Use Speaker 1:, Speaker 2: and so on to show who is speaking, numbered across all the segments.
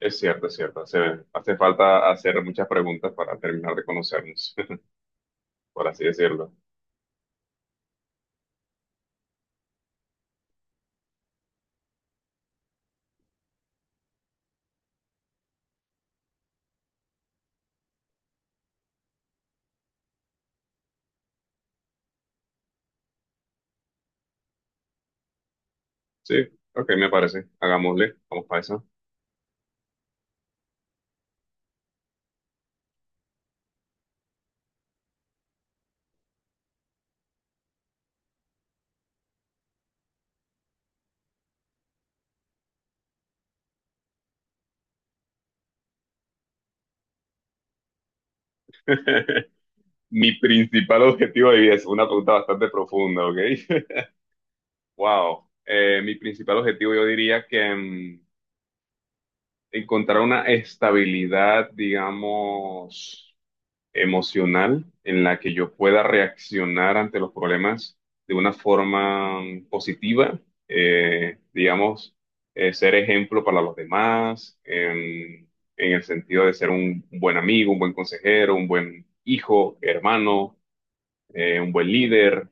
Speaker 1: Es cierto, es cierto. Hace falta hacer muchas preguntas para terminar de conocernos, por así decirlo. Sí, ok, me parece. Hagámosle. Vamos para eso. Mi principal objetivo de vida es una pregunta bastante profunda, ¿ok? Wow. Mi principal objetivo yo diría que encontrar una estabilidad, digamos, emocional en la que yo pueda reaccionar ante los problemas de una forma positiva, digamos, ser ejemplo para los demás, en el sentido de ser un buen amigo, un buen consejero, un buen hijo, hermano, un buen líder,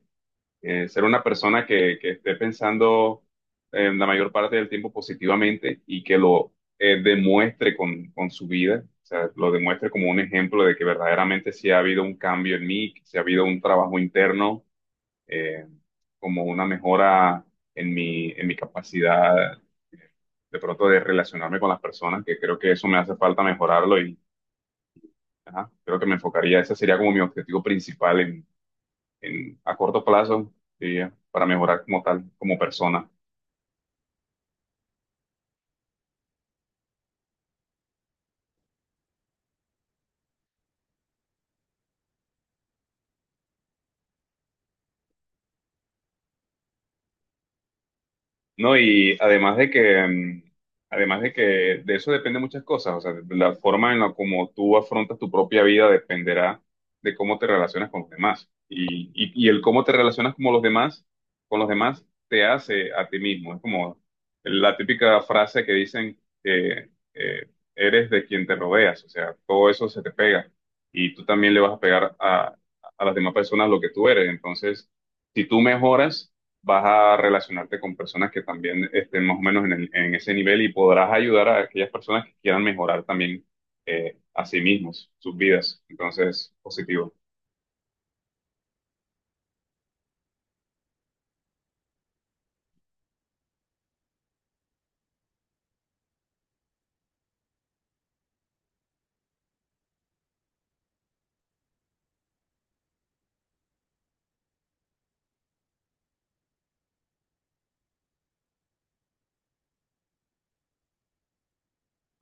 Speaker 1: ser una persona que esté pensando en la mayor parte del tiempo positivamente y que lo demuestre con su vida, o sea, lo demuestre como un ejemplo de que verdaderamente sí ha habido un cambio en mí, que sí ha habido un trabajo interno, eh, como una mejora en en mi capacidad de pronto de relacionarme con las personas, que creo que eso me hace falta mejorarlo y ajá, creo que me enfocaría, ese sería como mi objetivo principal a corto plazo, diría, para mejorar como tal, como persona. No, y además de que de eso depende muchas cosas, o sea, la forma en la como tú afrontas tu propia vida dependerá de cómo te relacionas con los demás. Y el cómo te relacionas con los demás te hace a ti mismo. Es como la típica frase que dicen que eres de quien te rodeas, o sea, todo eso se te pega y tú también le vas a pegar a las demás personas lo que tú eres. Entonces, si tú mejoras, vas a relacionarte con personas que también estén más o menos en, en ese nivel y podrás ayudar a aquellas personas que quieran mejorar también a sí mismos, sus vidas. Entonces, positivo.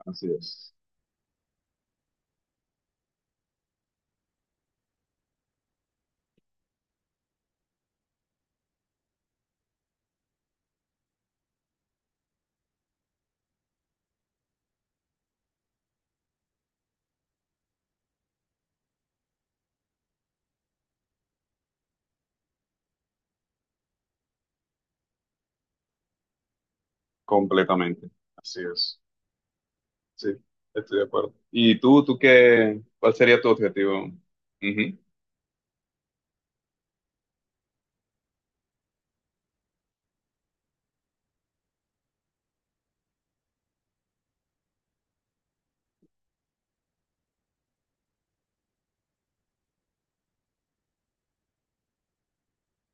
Speaker 1: Así es. Completamente. Así es. Sí, estoy de acuerdo. ¿Y tú, cuál sería tu objetivo? Ujú.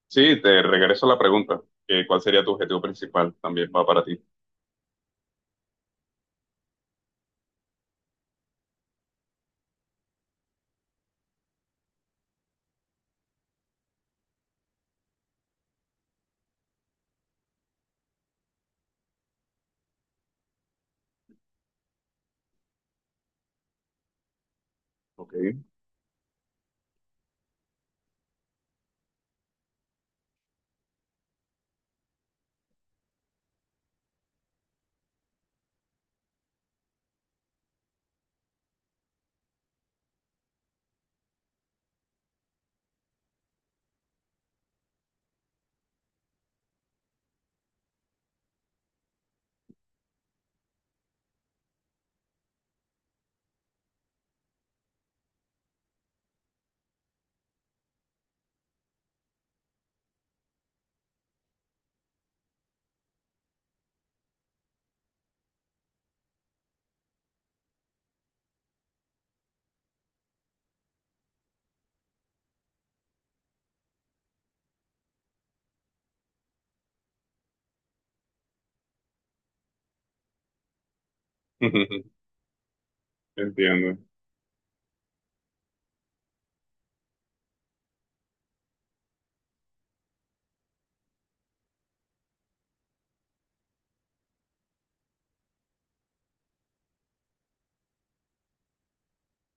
Speaker 1: Sí, te regreso la pregunta. Que ¿Cuál sería tu objetivo principal? También va para ti. Ok. Entiendo.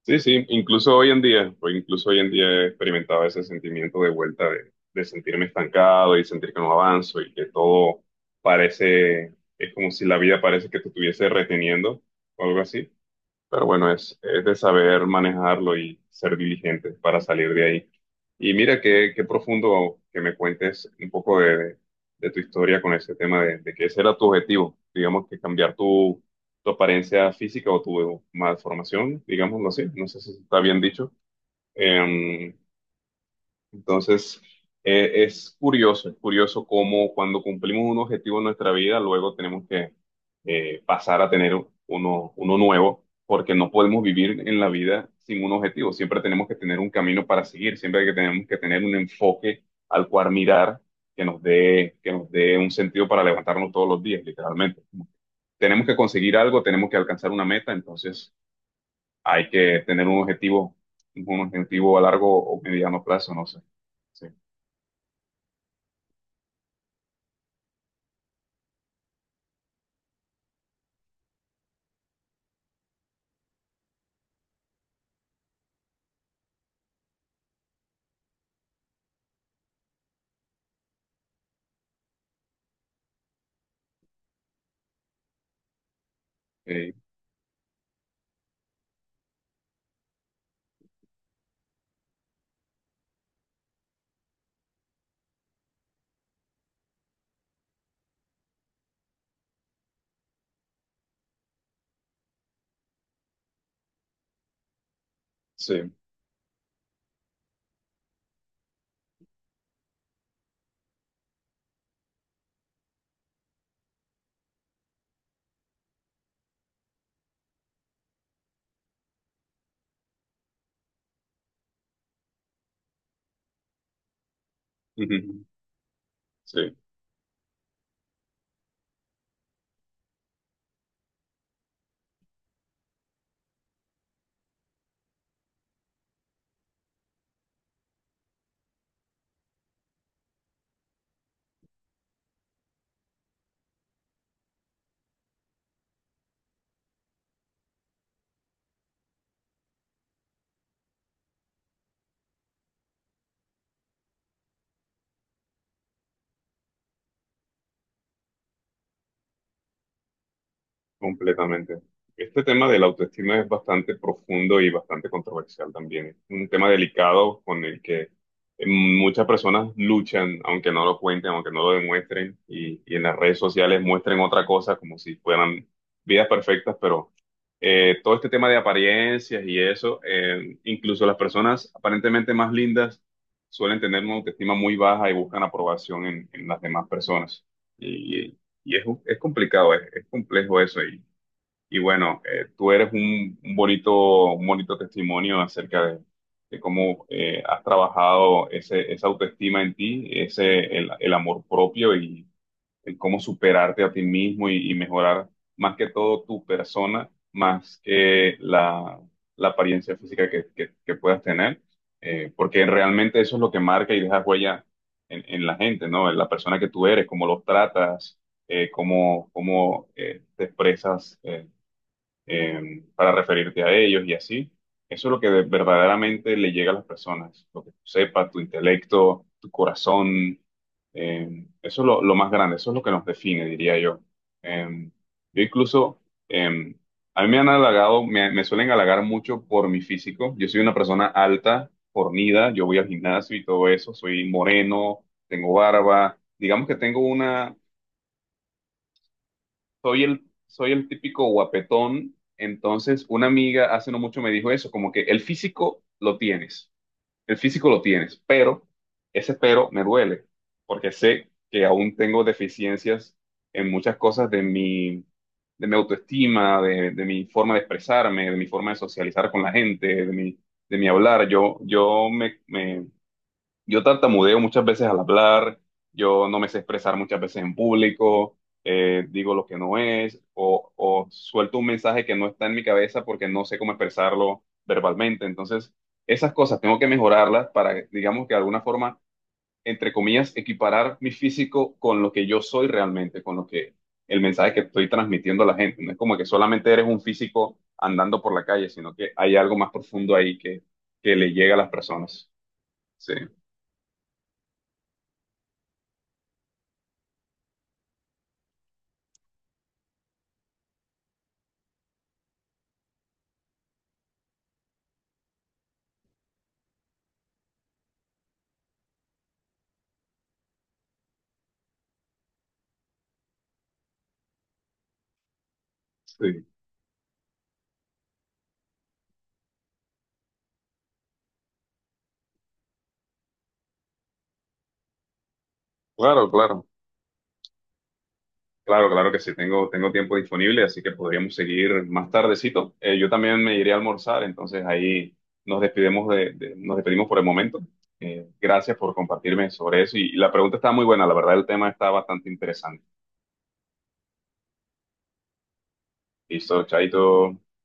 Speaker 1: Sí, sí, incluso hoy en día he experimentado ese sentimiento de vuelta de sentirme estancado y sentir que no avanzo y que todo parece, es como si la vida parece que te estuviese reteniendo o algo así. Pero bueno, es de saber manejarlo y ser diligente para salir de ahí. Y mira qué profundo que me cuentes un poco tu historia con ese tema de que ese era tu objetivo, digamos que cambiar tu, tu apariencia física o tu malformación, digámoslo así, no sé si está bien dicho. Em, entonces, es curioso cómo cuando cumplimos un objetivo en nuestra vida, luego tenemos que pasar a tener uno nuevo, porque no podemos vivir en la vida sin un objetivo. Siempre tenemos que tener un camino para seguir, siempre que tenemos que tener un enfoque al cual mirar que nos dé un sentido para levantarnos todos los días, literalmente. Tenemos que conseguir algo, tenemos que alcanzar una meta, entonces hay que tener un objetivo a largo o mediano plazo, no sé. Sí. Eh, sí, sí, completamente. Este tema de la autoestima es bastante profundo y bastante controversial también. Es un tema delicado con el que muchas personas luchan, aunque no lo cuenten, aunque no lo demuestren, y en las redes sociales muestren otra cosa como si fueran vidas perfectas, pero todo este tema de apariencias y eso, incluso las personas aparentemente más lindas suelen tener una autoestima muy baja y buscan aprobación en las demás personas. Y es complicado, es complejo eso. Y bueno, tú eres un bonito testimonio acerca de cómo has trabajado esa autoestima en ti, el amor propio. Y, el cómo superarte a ti mismo y mejorar más que todo tu persona, más que la apariencia física que puedas tener, porque realmente eso es lo que marca y deja huella en la gente, ¿no? En la persona que tú eres, cómo los tratas, cómo te expresas, para referirte a ellos y así. Eso es lo que verdaderamente le llega a las personas, lo que tú sepas, tu intelecto, tu corazón. Eso es lo más grande, eso es lo que nos define, diría yo. Eh, yo incluso, eh, a mí me han halagado, me suelen halagar mucho por mi físico. Yo soy una persona alta, fornida, yo voy al gimnasio y todo eso, soy moreno, tengo barba. Digamos que tengo una, soy el típico guapetón. Entonces una amiga hace no mucho me dijo eso, como que el físico lo tienes, el físico lo tienes, pero ese pero me duele, porque sé que aún tengo deficiencias en muchas cosas de mi autoestima, de mi forma de expresarme, de mi forma de socializar con la gente, de mi hablar. Yo me, me yo tartamudeo muchas veces al hablar, yo no me sé expresar muchas veces en público, digo lo que no es, o suelto un mensaje que no está en mi cabeza porque no sé cómo expresarlo verbalmente. Entonces, esas cosas tengo que mejorarlas para, digamos que de alguna forma, entre comillas, equiparar mi físico con lo que yo soy realmente, con lo que el mensaje que estoy transmitiendo a la gente. No es como que solamente eres un físico andando por la calle, sino que hay algo más profundo ahí que le llega a las personas. Sí, sí. Claro, claro, claro, claro que sí, tengo, tengo tiempo disponible, así que podríamos seguir más tardecito. Yo también me iré a almorzar, entonces ahí nos despedimos nos despedimos por el momento. Gracias por compartirme sobre eso y la pregunta está muy buena, la verdad el tema está bastante interesante. Listo, chaito.